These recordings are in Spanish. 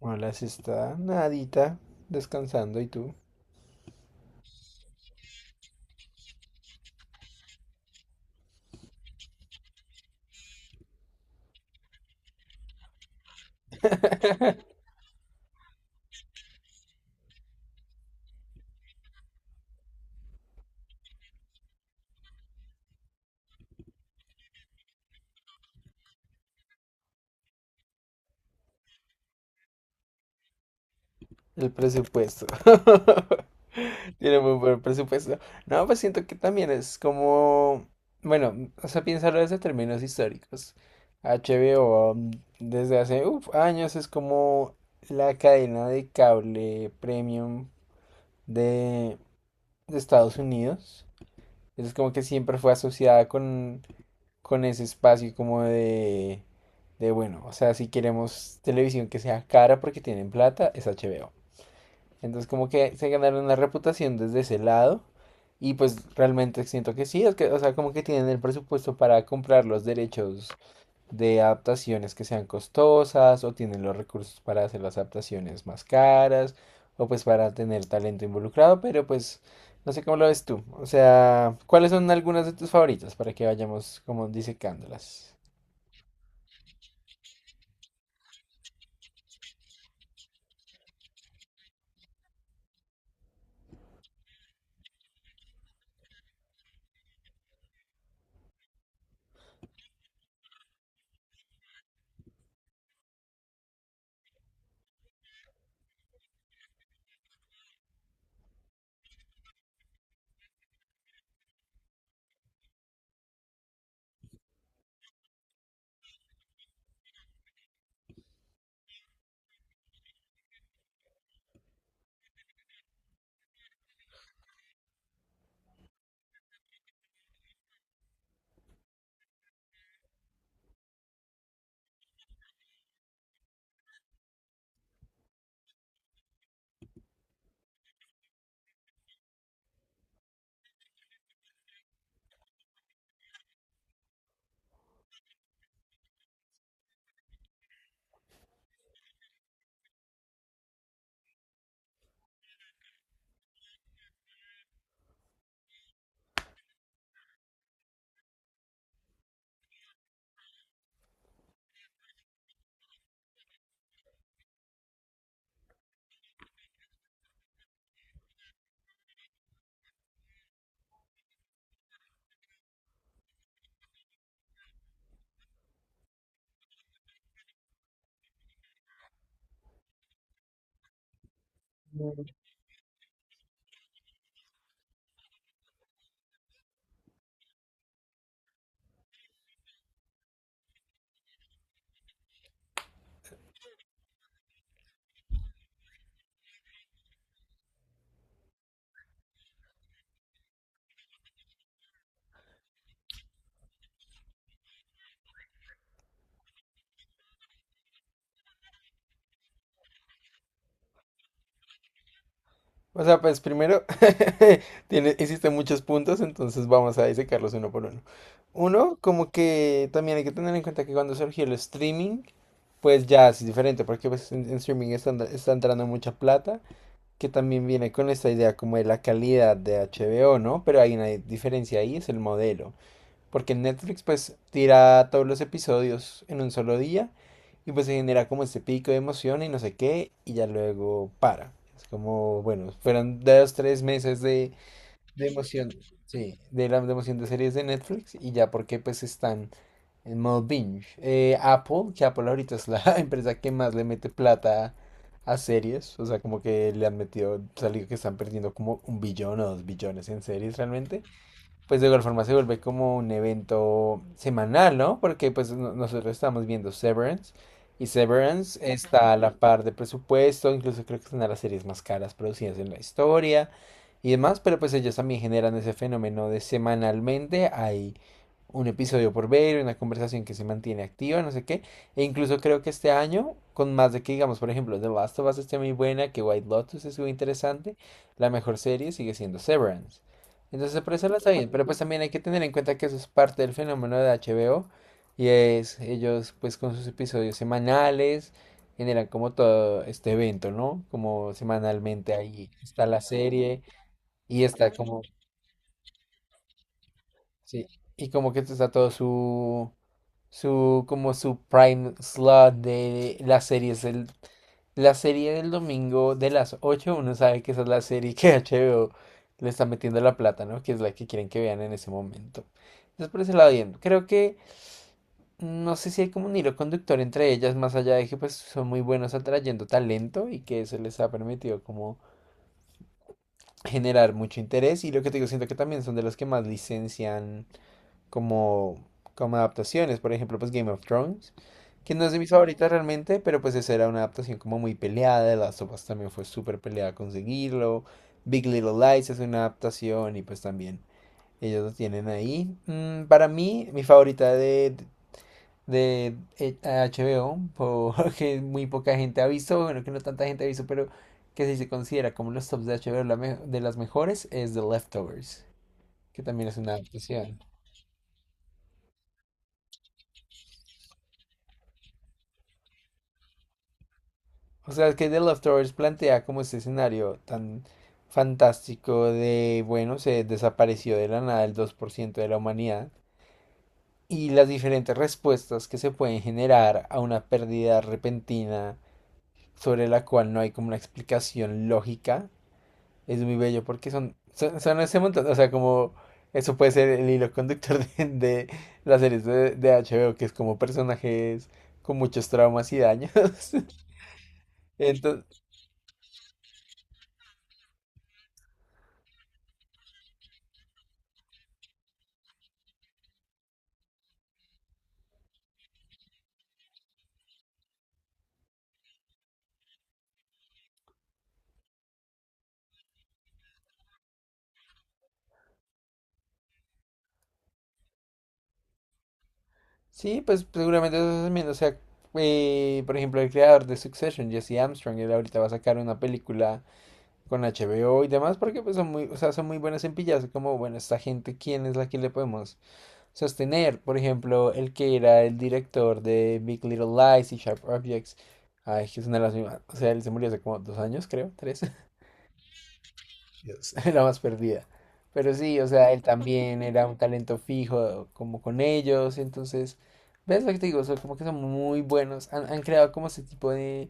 Hola, si está nadita, descansando, ¿y tú? El presupuesto. Tiene muy buen presupuesto. No, pues siento que también es como, bueno, o sea, piénsalo desde términos históricos. HBO desde hace años es como la cadena de cable premium de, de Estados Unidos. Es como que siempre fue asociada con ese espacio como de, bueno, o sea, si queremos televisión que sea cara porque tienen plata, es HBO. Entonces como que se ganaron la reputación desde ese lado y pues realmente siento que sí, es que, o sea, como que tienen el presupuesto para comprar los derechos de adaptaciones que sean costosas o tienen los recursos para hacer las adaptaciones más caras o pues para tener talento involucrado, pero pues no sé cómo lo ves tú. O sea, ¿cuáles son algunas de tus favoritas para que vayamos como disecándolas? O sea, pues primero, existen muchos puntos, entonces vamos a disecarlos uno por uno. Uno, como que también hay que tener en cuenta que cuando surgió el streaming, pues ya es diferente, porque pues en streaming está entrando mucha plata que también viene con esta idea como de la calidad de HBO, ¿no? Pero hay una diferencia ahí, es el modelo. Porque en Netflix pues tira todos los episodios en un solo día y pues se genera como este pico de emoción y no sé qué y ya luego para. Es como, bueno, fueron dos, tres meses de emoción, sí, de emoción de series de Netflix y ya porque pues están en modo binge. Apple ahorita es la empresa que más le mete plata a series, o sea, como que le han metido, salido que están perdiendo como un billón o dos billones en series realmente pues de igual forma se vuelve como un evento semanal, ¿no? Porque pues nosotros estamos viendo Severance y Severance está a la par de presupuesto, incluso creo que es una de las series más caras producidas en la historia y demás, pero pues ellos también generan ese fenómeno de semanalmente hay un episodio por ver, una conversación que se mantiene activa, no sé qué, e incluso creo que este año, con más de que digamos, por ejemplo, The Last of Us esté muy buena, que White Lotus es muy interesante, la mejor serie sigue siendo Severance. Entonces, por eso no está bien, pero pues también hay que tener en cuenta que eso es parte del fenómeno de HBO y es ellos pues con sus episodios semanales generan como todo este evento, ¿no? Como semanalmente ahí está la serie y está como, sí, y como que está todo su, como su prime slot de las series del La serie del domingo de las 8 uno sabe que esa es la serie que HBO le está metiendo la plata, ¿no? Que es la que quieren que vean en ese momento. Entonces por ese lado bien. Creo que no sé si hay como un hilo conductor entre ellas, más allá de que pues son muy buenos atrayendo talento y que eso les ha permitido como generar mucho interés. Y lo que te digo, siento que también son de los que más licencian como, como adaptaciones. Por ejemplo, pues Game of Thrones, que no es de mis favoritas realmente, pero pues esa era una adaptación como muy peleada. The Last of Us también fue súper peleada conseguirlo. Big Little Lies es una adaptación y pues también ellos lo tienen ahí. Para mí, mi favorita de HBO, porque muy poca gente ha visto, bueno, que no tanta gente ha visto, pero que si se considera como los tops de HBO de las mejores, es The Leftovers, que también es una adaptación. O sea, que The Leftovers plantea como este escenario tan fantástico de, bueno, se desapareció de la nada el 2% de la humanidad y las diferentes respuestas que se pueden generar a una pérdida repentina sobre la cual no hay como una explicación lógica. Es muy bello porque son ese montón, o sea, como eso puede ser el hilo conductor de las series de HBO, que es como personajes con muchos traumas y daños. Ento- Sí, pues seguramente eso también, o sea, por ejemplo, el creador de Succession, Jesse Armstrong, él ahorita va a sacar una película con HBO y demás, porque pues son muy, o sea, son muy buenas en pillarse, como, bueno, esta gente, ¿quién es la que le podemos sostener? Por ejemplo, el que era el director de Big Little Lies y Sharp Objects, ay, que es una de las mismas, o sea, él se murió hace como 2 años, creo, tres. La más perdida. Pero sí, o sea, él también era un talento fijo como con ellos, entonces, ¿ves lo que te digo? O sea, como que son muy buenos, han creado como ese tipo de,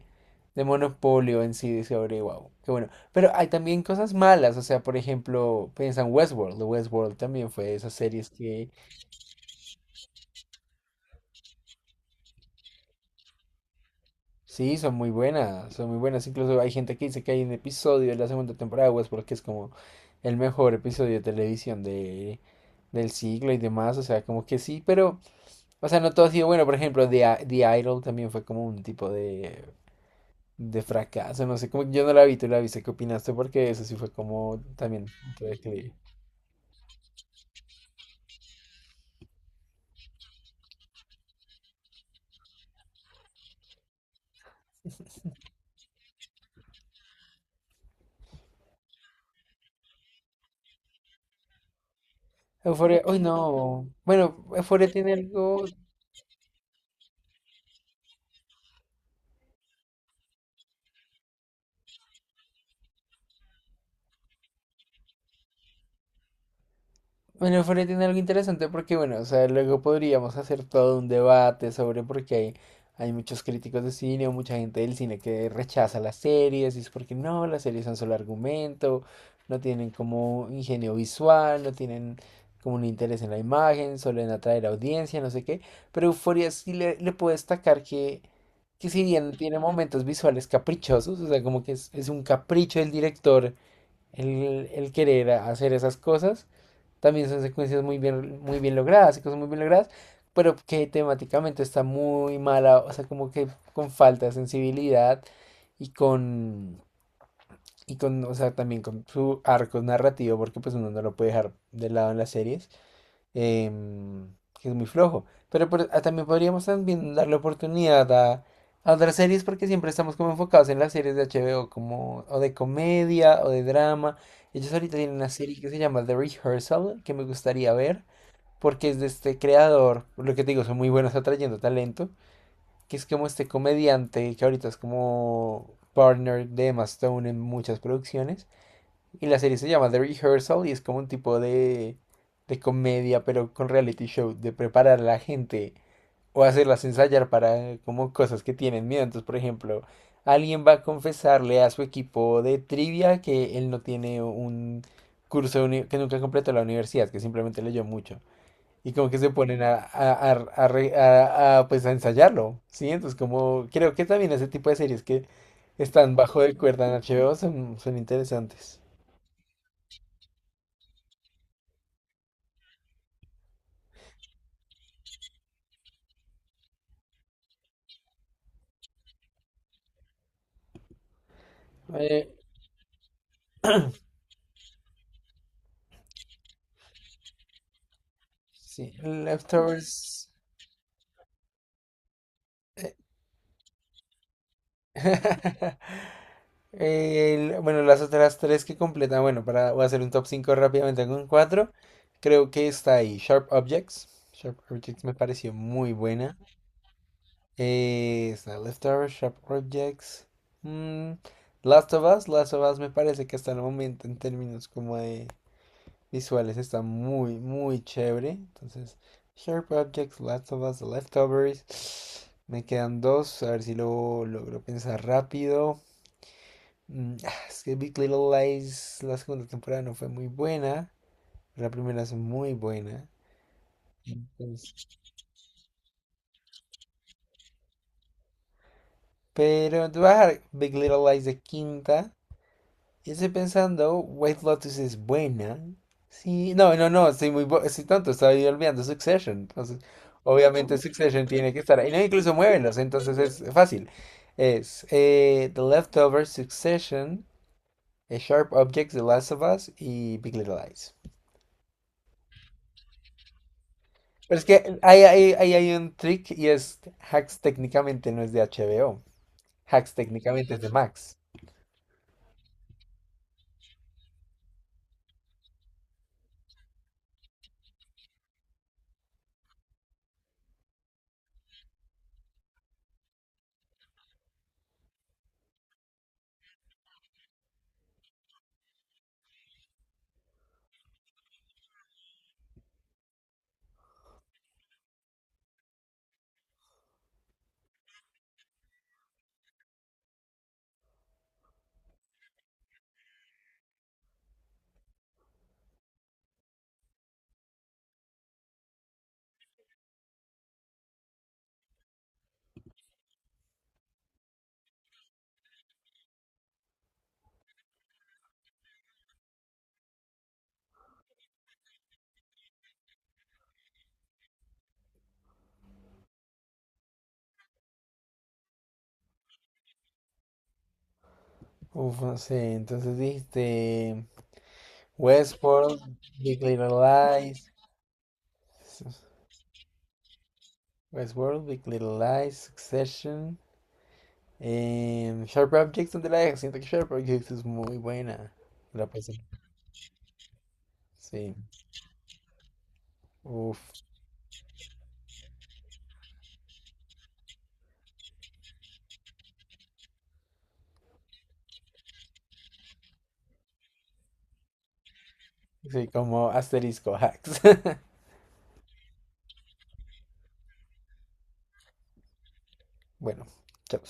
de monopolio en sí de sobre wow, qué bueno. Pero hay también cosas malas, o sea, por ejemplo, piensa en Westworld también fue de esas series que sí, son muy buenas, incluso hay gente que dice que hay un episodio de la segunda temporada de Westworld que es como el mejor episodio de televisión del siglo y demás, o sea, como que sí, pero... O sea, no todo ha sido bueno. Por ejemplo, The Idol también fue como un tipo de fracaso. No sé, como que yo no la vi, tú la viste. ¿Qué opinaste? Porque eso sí fue como también un punto de declive. Euphoria, uy, no. Bueno, Euphoria tiene algo. Bueno, Fred tiene algo interesante porque, bueno, o sea, luego podríamos hacer todo un debate sobre por qué hay muchos críticos de cine o mucha gente del cine que rechaza las series y es porque no, las series son solo argumento, no tienen como ingenio visual, no tienen como un interés en la imagen, solo en atraer audiencia, no sé qué. Pero Euphoria sí le puedo destacar que si bien tiene momentos visuales caprichosos, o sea, como que es un capricho del director el querer hacer esas cosas también son secuencias muy bien logradas, y cosas muy bien logradas, pero que temáticamente está muy mala, o sea, como que con falta de sensibilidad y con, y con, o sea, también con su arco narrativo, porque pues uno no lo puede dejar de lado en las series em, que es muy flojo. Pero ah, también podríamos también darle oportunidad a otras series porque siempre estamos como enfocados en las series de HBO como o de comedia o de drama. Ellos ahorita tienen una serie que se llama The Rehearsal que me gustaría ver porque es de este creador, lo que te digo, son muy buenos atrayendo talento, que es como este comediante que ahorita es como partner de Emma Stone en muchas producciones. Y la serie se llama The Rehearsal y es como un tipo de comedia, pero con reality show, de preparar a la gente o hacerlas ensayar para como cosas que tienen miedo. Entonces, por ejemplo, alguien va a confesarle a su equipo de trivia que él no tiene que nunca completó la universidad, que simplemente leyó mucho. Y como que se ponen a, pues a ensayarlo, ¿sí? Entonces como creo que también ese tipo de series que están bajo de cuerda en HBO son interesantes. Eh, Sí, Leftovers. eh, bueno, las otras tres que completan, bueno, para voy a hacer un top 5 rápidamente con cuatro. Creo que está ahí Sharp Objects. Sharp Objects me pareció muy buena. Está Leftovers, Sharp Objects. mm, Last of Us. Last of Us me parece que hasta el momento en términos como de visuales. Está muy, muy chévere. Entonces, Sharp Objects, Last of Us, The Leftovers. Me quedan dos, a ver si lo logro pensar rápido. Ah, es que Big Little Lies, la segunda temporada no fue muy buena. La primera es muy buena. Entonces, pero te voy a dejar Big Little Lies de quinta. Y estoy pensando, White Lotus es buena. Sí, no, no, no, estoy tonto, estaba yo olvidando Succession. Entonces, obviamente Succession tiene que estar ahí. No, incluso muévelos, entonces es fácil. Es The Leftovers, Succession, Sharp Objects, The Last of Us y Big Little Lies. Pero es que ahí hay un trick y es Hacks técnicamente no es de HBO. Hacks técnicamente es de Max. Uf, no sé, entonces dijiste Westworld, Big Little Lies. Westworld, Big Little Lies, Succession, Sharp Objects, ¿dónde la dejas? Siento que Sharp Objects es muy buena. La pasé. Sí. Uf. Sí, como asterisco hacks. Bueno, chao.